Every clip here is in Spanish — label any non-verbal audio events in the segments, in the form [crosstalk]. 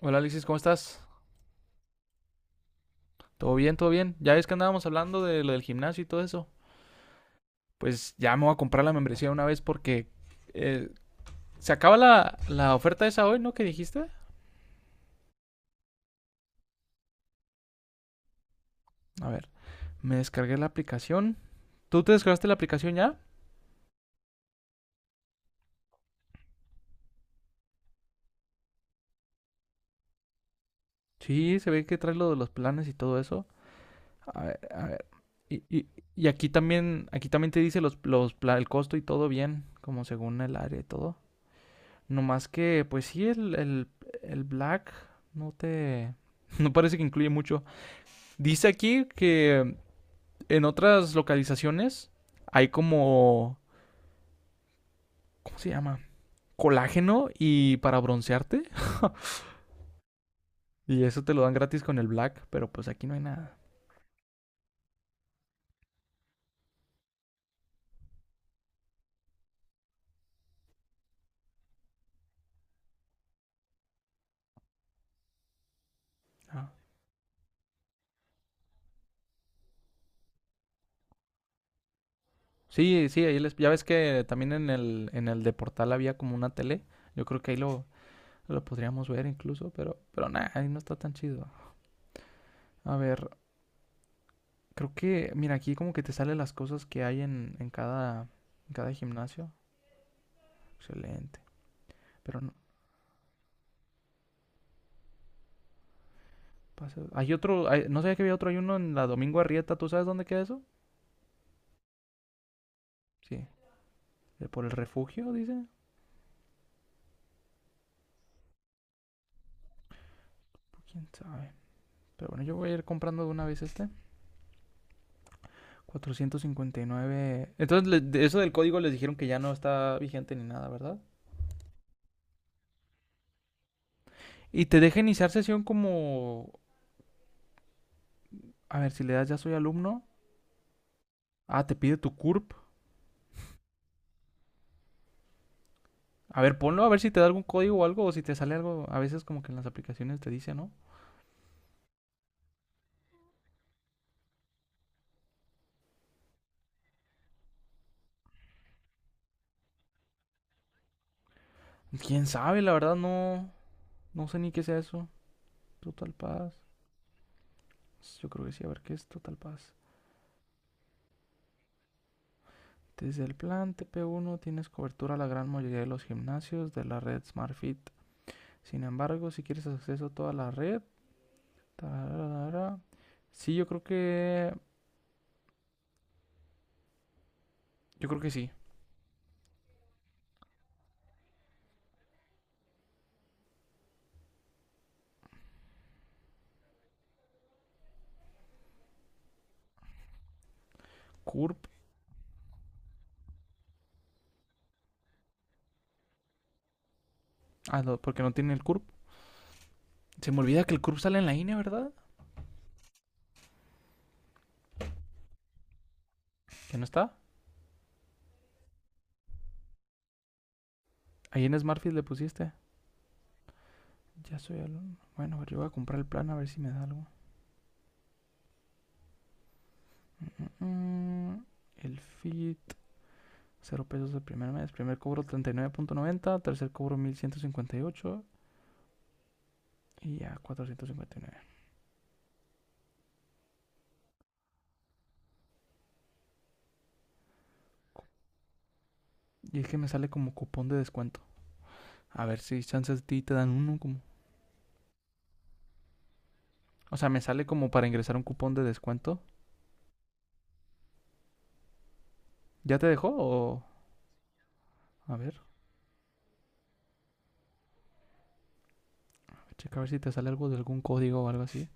Hola, Alexis, ¿cómo estás? ¿Todo bien? ¿Todo bien? Ya ves que andábamos hablando de lo del gimnasio y todo eso. Pues ya me voy a comprar la membresía de una vez porque eh, se acaba la oferta esa hoy, ¿no? ¿Qué dijiste? A ver, me descargué la aplicación. ¿Tú te descargaste la aplicación ya? Sí, se ve que trae lo de los planes y todo eso. A ver, a ver. Y, y- y aquí también te dice el costo y todo bien, como según el área y todo. No más que, pues sí, el Black no te... [laughs] No parece que incluye mucho. Dice aquí que en otras localizaciones hay como... ¿Cómo se llama? Colágeno y para broncearte. [laughs] Y eso te lo dan gratis con el black, pero pues aquí no hay nada. Ah. Sí, sí, ahí les- ya ves que también en el de Portal había como una tele. Yo creo que ahí lo podríamos ver incluso, pero nada, ahí no está tan chido. A ver, creo que, mira, aquí como que te salen las cosas que hay en cada gimnasio. Excelente. Pero no, Paseo- Hay otro, hay- no sabía que había otro, hay uno en la Domingo Arrieta, ¿tú sabes dónde queda eso? Sí, eh, por el refugio, dice. Pues, ¿quién sabe? Pero bueno, yo voy a ir comprando de una vez este. 459. Entonces, le- de eso del código les dijeron que ya no está vigente ni nada, ¿verdad? Y te deja iniciar sesión como... A ver, si le das ya soy alumno. Ah, te pide tu CURP. A ver, ponlo a ver si te da algún código o algo, o si te sale algo. A veces como que en las aplicaciones te dice, ¿no? Pues, ¿quién sabe? La verdad no... No sé ni qué sea eso. Total Paz. Pues, yo creo que sí, a ver qué es Total Pass. Desde el plan TP1 tienes cobertura a la gran mayoría de los gimnasios de la red SmartFit. Sin embargo, si quieres acceso a toda la red, tararara. Sí, yo creo que sí. Curb, ah, no, porque no tiene el curb. Se me olvida que el curb sale en la INE, ¿verdad? Que no está. Ahí en SmartFit le pusiste. Ya soy alumno. Bueno, a ver, yo voy a comprar el plan a ver si me da algo. Mm, mm, el fit. 0 pesos el primer mes. Primer cobro 39.90, tercer cobro 1158 y ya 459. Y es que me sale como cupón de descuento. A ver si chances de ti te dan uno como. O sea, me sale como para ingresar un cupón de descuento. ¿Ya te dejó o a ver, checa a ver si te sale algo de algún código o algo así?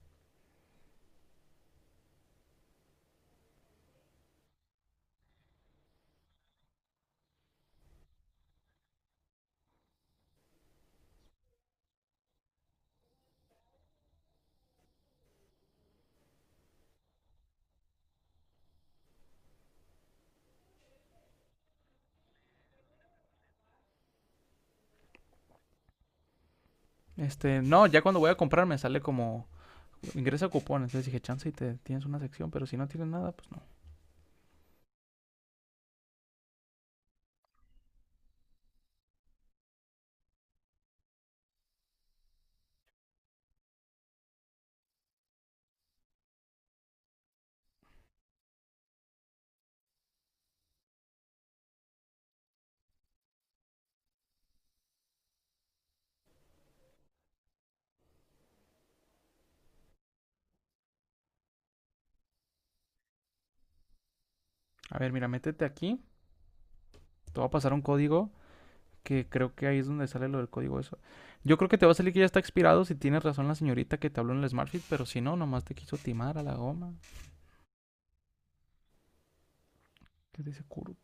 Este, no, ya cuando voy a comprar me sale como ingresa cupón. Entonces dije, chance y te tienes una sección, pero si no tienes nada, pues no. A ver, mira, métete aquí. Te va a pasar un código que creo que ahí es donde sale lo del código eso. Yo creo que te va a salir que ya está expirado si tienes razón la señorita que te habló en el Smartfit, pero si no, nomás te quiso timar a la goma. ¿Qué dice Kurup?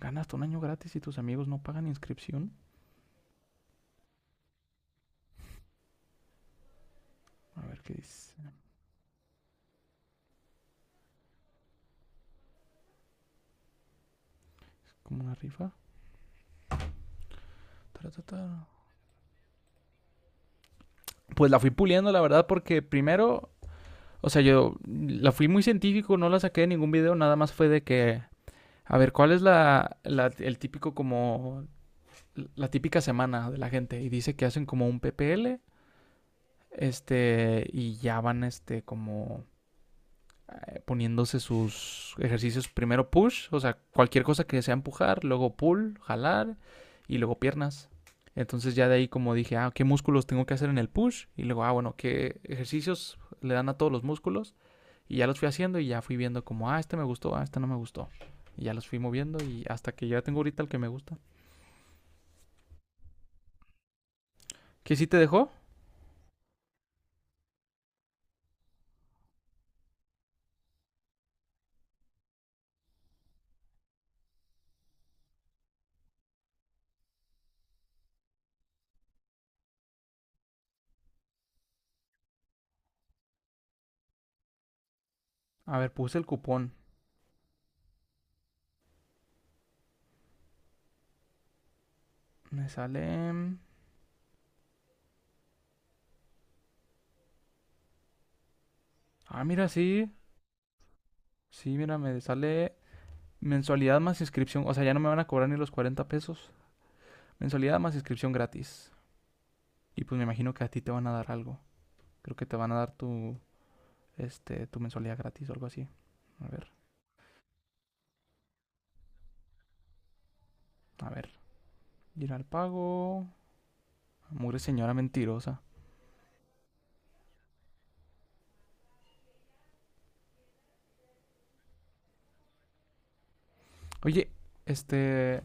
Ganas hasta 1 año gratis y tus amigos no pagan inscripción. A ver qué dice. Como una rifa. Taratata. Pues la fui puliendo, la verdad, porque primero, o sea, yo la fui muy científico, no la saqué de ningún video, nada más fue de que, a ver, ¿cuál es el típico como, la típica semana de la gente? Y dice que hacen como un PPL. Este, y ya van, este, como poniéndose sus ejercicios. Primero push, o sea, cualquier cosa que sea empujar, luego pull, jalar y luego piernas. Entonces ya de ahí como dije, ah, ¿qué músculos tengo que hacer en el push? Y luego, ah, bueno, ¿qué ejercicios le dan a todos los músculos? Y ya los fui haciendo y ya fui viendo como, ah, este me gustó, ah, este no me gustó. Y ya los fui moviendo y hasta que ya tengo ahorita el que me gusta. ¿Qué sí te dejó? A ver, puse el cupón. Me sale... Ah, mira, sí. Sí, mira, me sale mensualidad más inscripción. O sea, ya no me van a cobrar ni los 40 pesos. Mensualidad más inscripción gratis. Y pues me imagino que a ti te van a dar algo. Creo que te van a dar tu, este, tu mensualidad gratis o algo así. A ver, a ver. Ir al pago. Mugre señora mentirosa. Oye, este...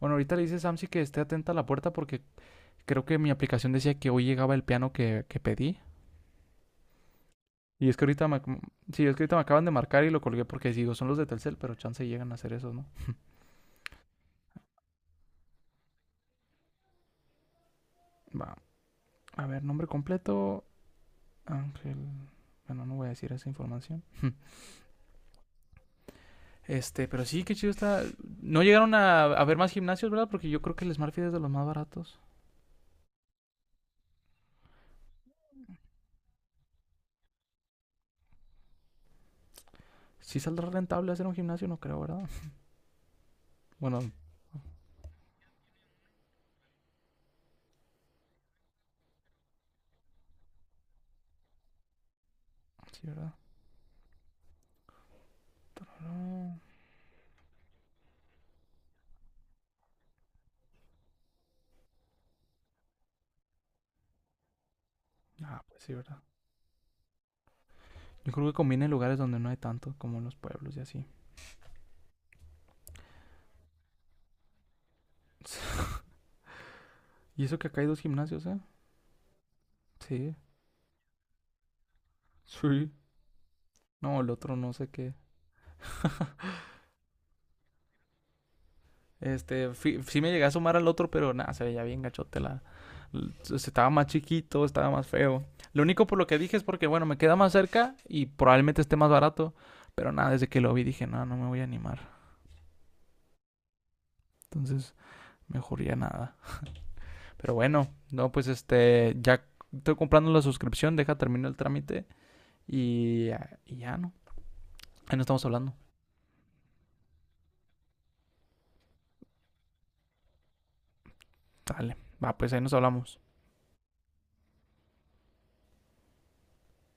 Bueno, ahorita le dice Samsi que esté atenta a la puerta porque creo que mi aplicación decía que hoy llegaba el piano que pedí. Y es que ahorita me, sí, es que ahorita me acaban de marcar y lo colgué porque digo, son los de Telcel, pero chance llegan a hacer eso, ¿no? Va, a ver, nombre completo, Ángel. Bueno, no voy a decir esa información. Este, pero sí, qué chido está. No llegaron a ver más gimnasios, ¿verdad? Porque yo creo que el Smartfit es de los más baratos. Sí saldrá rentable hacer un gimnasio, no creo, ¿verdad? Bueno, sí, ¿verdad? No. Ah, pues sí, ¿verdad? Yo creo que conviene en lugares donde no hay tanto, como en los pueblos y así. [laughs] Y eso que acá hay 2 gimnasios, ¿eh? Sí. Sí. No, el otro no sé qué. Este, fi- sí me llegué a asomar al otro, pero nada, se veía bien gachote la... se- Estaba más chiquito, estaba más feo. Lo único por lo que dije es porque, bueno, me queda más cerca y probablemente esté más barato. Pero nada, desde que lo vi dije, no, no me voy a animar. Entonces, mejor ya nada. Pero bueno, no, pues este, ya estoy comprando la suscripción, deja terminar el trámite y ya no. Ahí no estamos hablando. Dale, va, pues ahí nos hablamos.